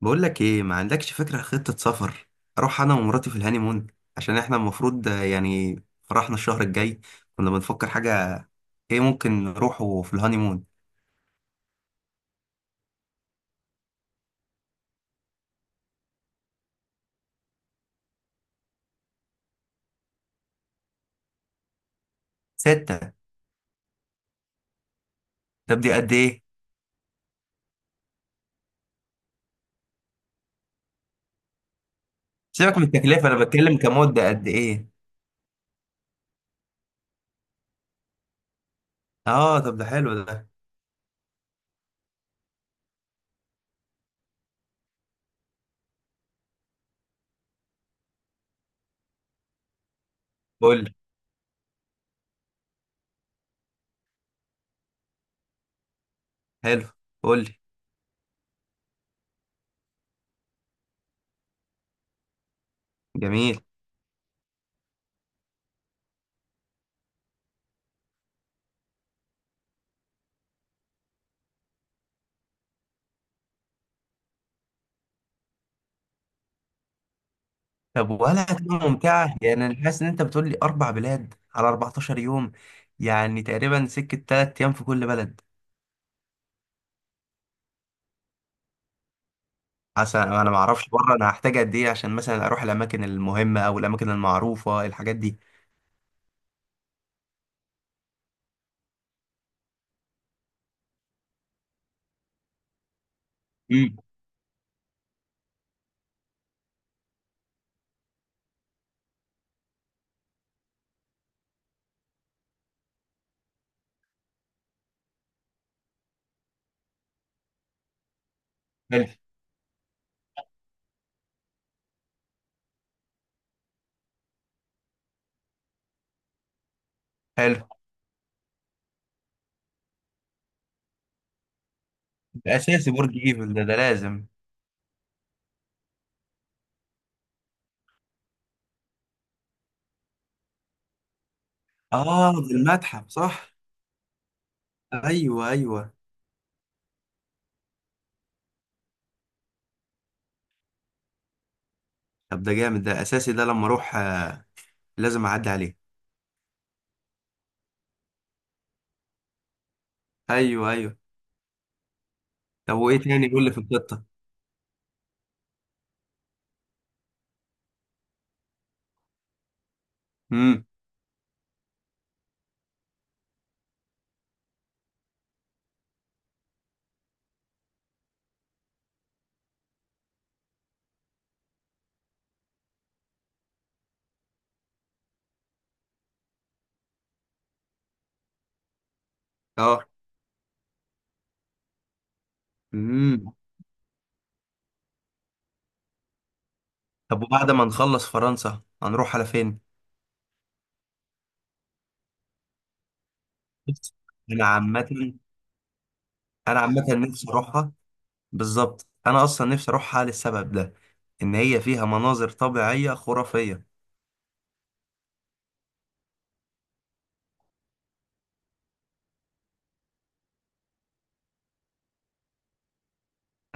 بقول لك ايه؟ ما عندكش فكره خطه سفر. اروح انا ومراتي في الهانيمون، عشان احنا المفروض يعني فرحنا الشهر الجاي. كنا بنفكر حاجه ايه ممكن نروحه في الهانيمون. ستة. طب دي قد ايه؟ سيبك من التكلفه، انا بتكلم كمده قد ايه. اه، طب ده حلو ده. قول لي. حلو. قول لي. جميل. طب ولا هتبقى ممتعه؟ يعني انا حاسس ان انت بتقول لي اربع بلاد على 14 يوم، يعني تقريبا سكه 3 ايام في كل بلد. حسن انا ما اعرفش بره، انا هحتاج قد ايه عشان مثلا اروح الاماكن المهمه او الاماكن المعروفه الحاجات دي. امم. حلو. حلو، ده اساسي، برج ايفل ده لازم. اه، ده المتحف صح؟ ايوه، ايوه. طب ده جامد، ده اساسي، ده لما اروح لازم اعدي عليه. ايوه، ايوه. طب وايه تاني يقول لي في الخطه؟ امم. اه. امم. طب وبعد ما نخلص فرنسا هنروح على فين؟ بص، انا عامه. انا عامه نفسي اروحها. بالظبط، انا اصلا نفسي اروحها للسبب ده، ان هي فيها مناظر طبيعيه خرافيه.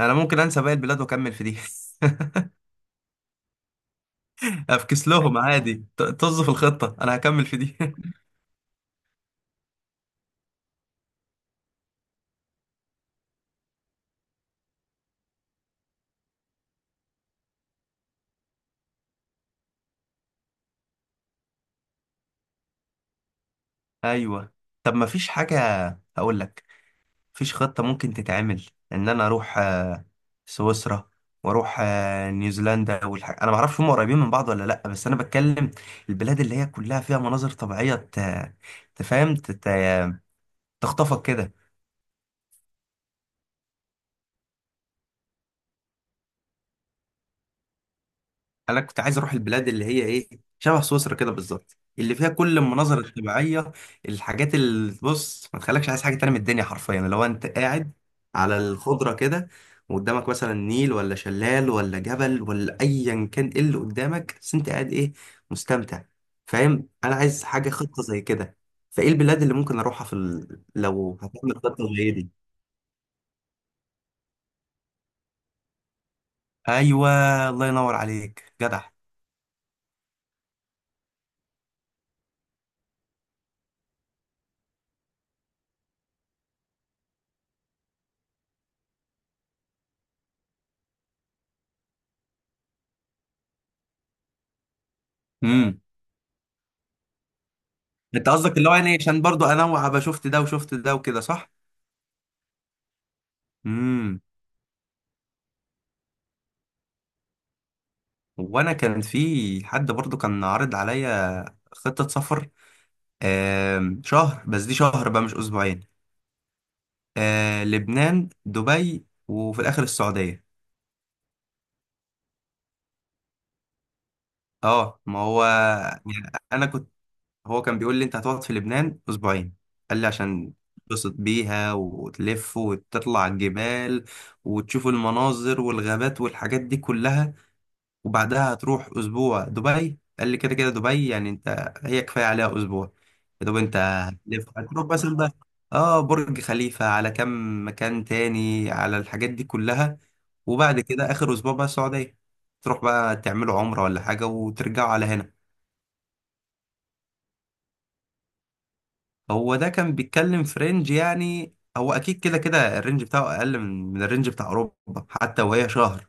انا ممكن انسى باقي البلاد واكمل في دي. افكس لهم عادي، طز في الخطه، انا هكمل في دي. ايوه. طب ما فيش حاجه، هقول لك، فيش خطه ممكن تتعمل ان انا اروح سويسرا واروح نيوزيلندا والحاجة. انا ما اعرفش هم قريبين من بعض ولا لا، بس انا بتكلم البلاد اللي هي كلها فيها مناظر طبيعيه تفهم تخطفك كده. انا كنت عايز اروح البلاد اللي هي ايه، شبه سويسرا كده بالظبط، اللي فيها كل المناظر الطبيعيه، الحاجات اللي بص ما تخليكش عايز حاجه تانية من الدنيا، حرفيا لو انت قاعد على الخضره كده وقدامك مثلا نيل ولا شلال ولا جبل ولا ايا كان، ايه اللي قدامك بس انت قاعد ايه؟ مستمتع. فاهم انا عايز حاجه خطه زي كده. فايه البلاد اللي ممكن اروحها في لو هتعمل خطه زي دي. ايوه. الله ينور عليك. جدع. انت قصدك اللي هو يعني عشان برضو انوع ابقى شفت ده وشفت ده وكده صح؟ امم. وانا كان في حد برضو كان عارض عليا خطة سفر، شهر، بس دي شهر بقى مش اسبوعين. لبنان، دبي، وفي الاخر السعودية. اه، ما هو يعني انا كنت. هو كان بيقول لي انت هتقعد في لبنان اسبوعين، قال لي عشان تتبسط بيها وتلف وتطلع الجبال وتشوف المناظر والغابات والحاجات دي كلها. وبعدها هتروح اسبوع دبي، قال لي كده كده دبي، يعني انت هي كفايه عليها اسبوع. يا دوب انت هتلف هتروح مثلا بقى اه برج خليفه على كم مكان تاني على الحاجات دي كلها. وبعد كده اخر اسبوع بقى السعوديه، تروح بقى تعملوا عمره ولا حاجه وترجعوا على هنا. هو ده كان بيتكلم في رينج، يعني هو اكيد كده كده الرينج بتاعه اقل من الرينج بتاع اوروبا حتى وهي شهر.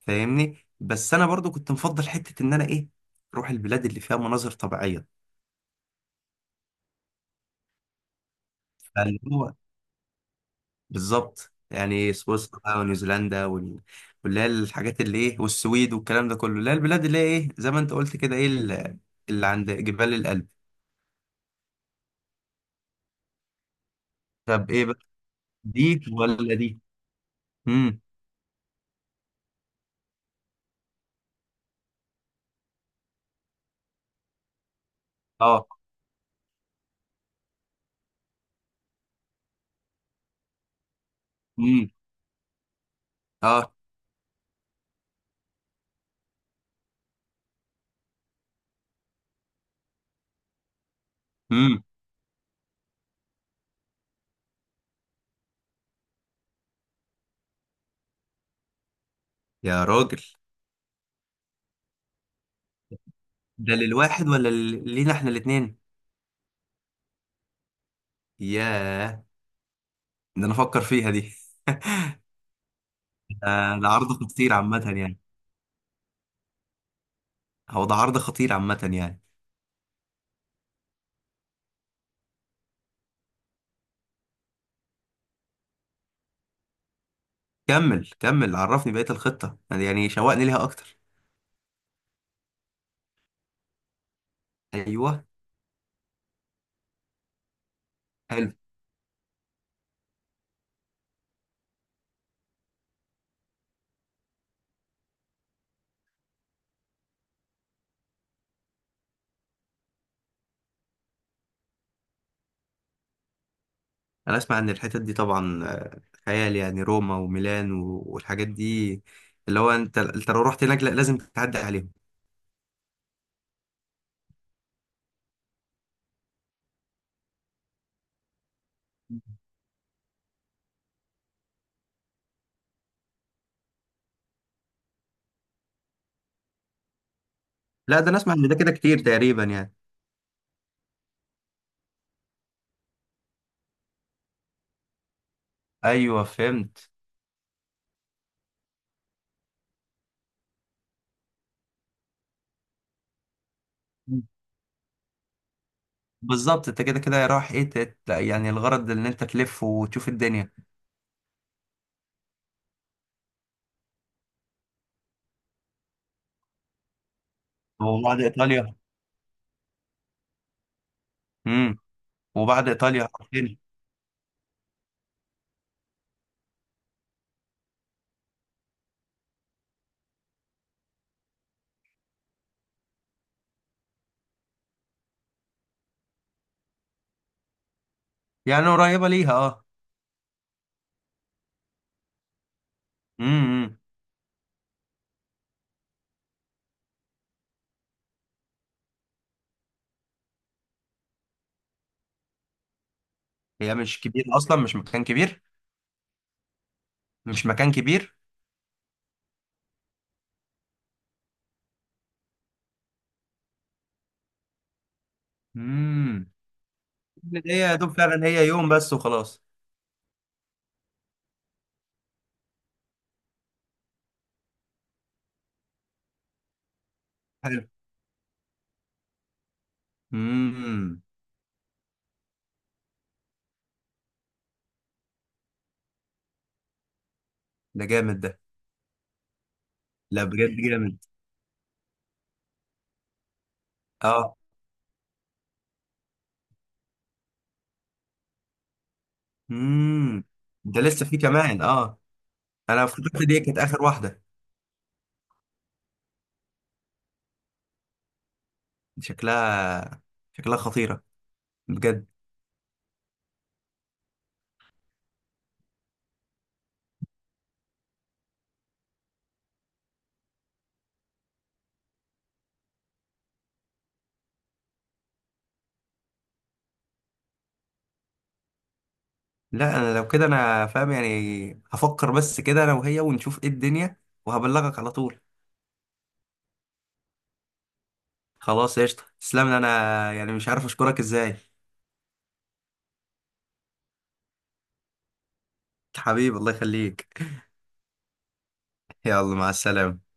فاهمني؟ بس انا برضو كنت مفضل حته ان انا ايه، اروح البلاد اللي فيها مناظر طبيعيه. فاللي هو بالظبط، يعني سويسرا بقى ونيوزيلندا واللي هي الحاجات اللي ايه، والسويد والكلام ده كله، اللي هي البلاد اللي هي ايه زي ما انت قلت كده، ايه اللي عند جبال الألب. طب ايه بقى؟ دي ولا دي؟ امم. اه. امم. اه. امم. يا راجل. ده للواحد ولا لينا احنا الاتنين؟ ياه. ده انا افكر فيها دي. ده عرض خطير عامة يعني. هو ده عرض خطير عامة يعني. كمل كمل عرفني بقية الخطة، يعني شوقني ليها اكتر. ايوه. حلو. انا اسمع ان الحتت دي طبعا خيال، يعني روما وميلان والحاجات دي، اللي هو انت لو رحت هناك لا لازم تعدي عليهم. لا ده انا اسمع ان ده كده كتير تقريبا، يعني. ايوه، فهمت. بالظبط، انت كده كده رايح ايه يعني الغرض ان انت تلف وتشوف الدنيا. وبعد ايطاليا. امم. وبعد ايطاليا فين؟ يعني قريبه ليها اه. امم. هي مش كبيره اصلا، مش مكان كبير. مش مكان كبير. امم. هي يا دوب فعلا هي يوم بس وخلاص. حلو. امم. ده جامد ده. لا بجد جامد. اه. امم. ده لسه في كمان اه؟ انا افتكرت دي كانت اخر واحده. شكلها. شكلها خطيره. بجد. لا انا لو كده انا فاهم، يعني هفكر بس كده انا وهي، ونشوف ايه الدنيا وهبلغك على طول. خلاص، قشطه، تسلم لي، انا يعني مش عارف اشكرك ازاي. حبيبي، الله يخليك. يلا مع السلامه.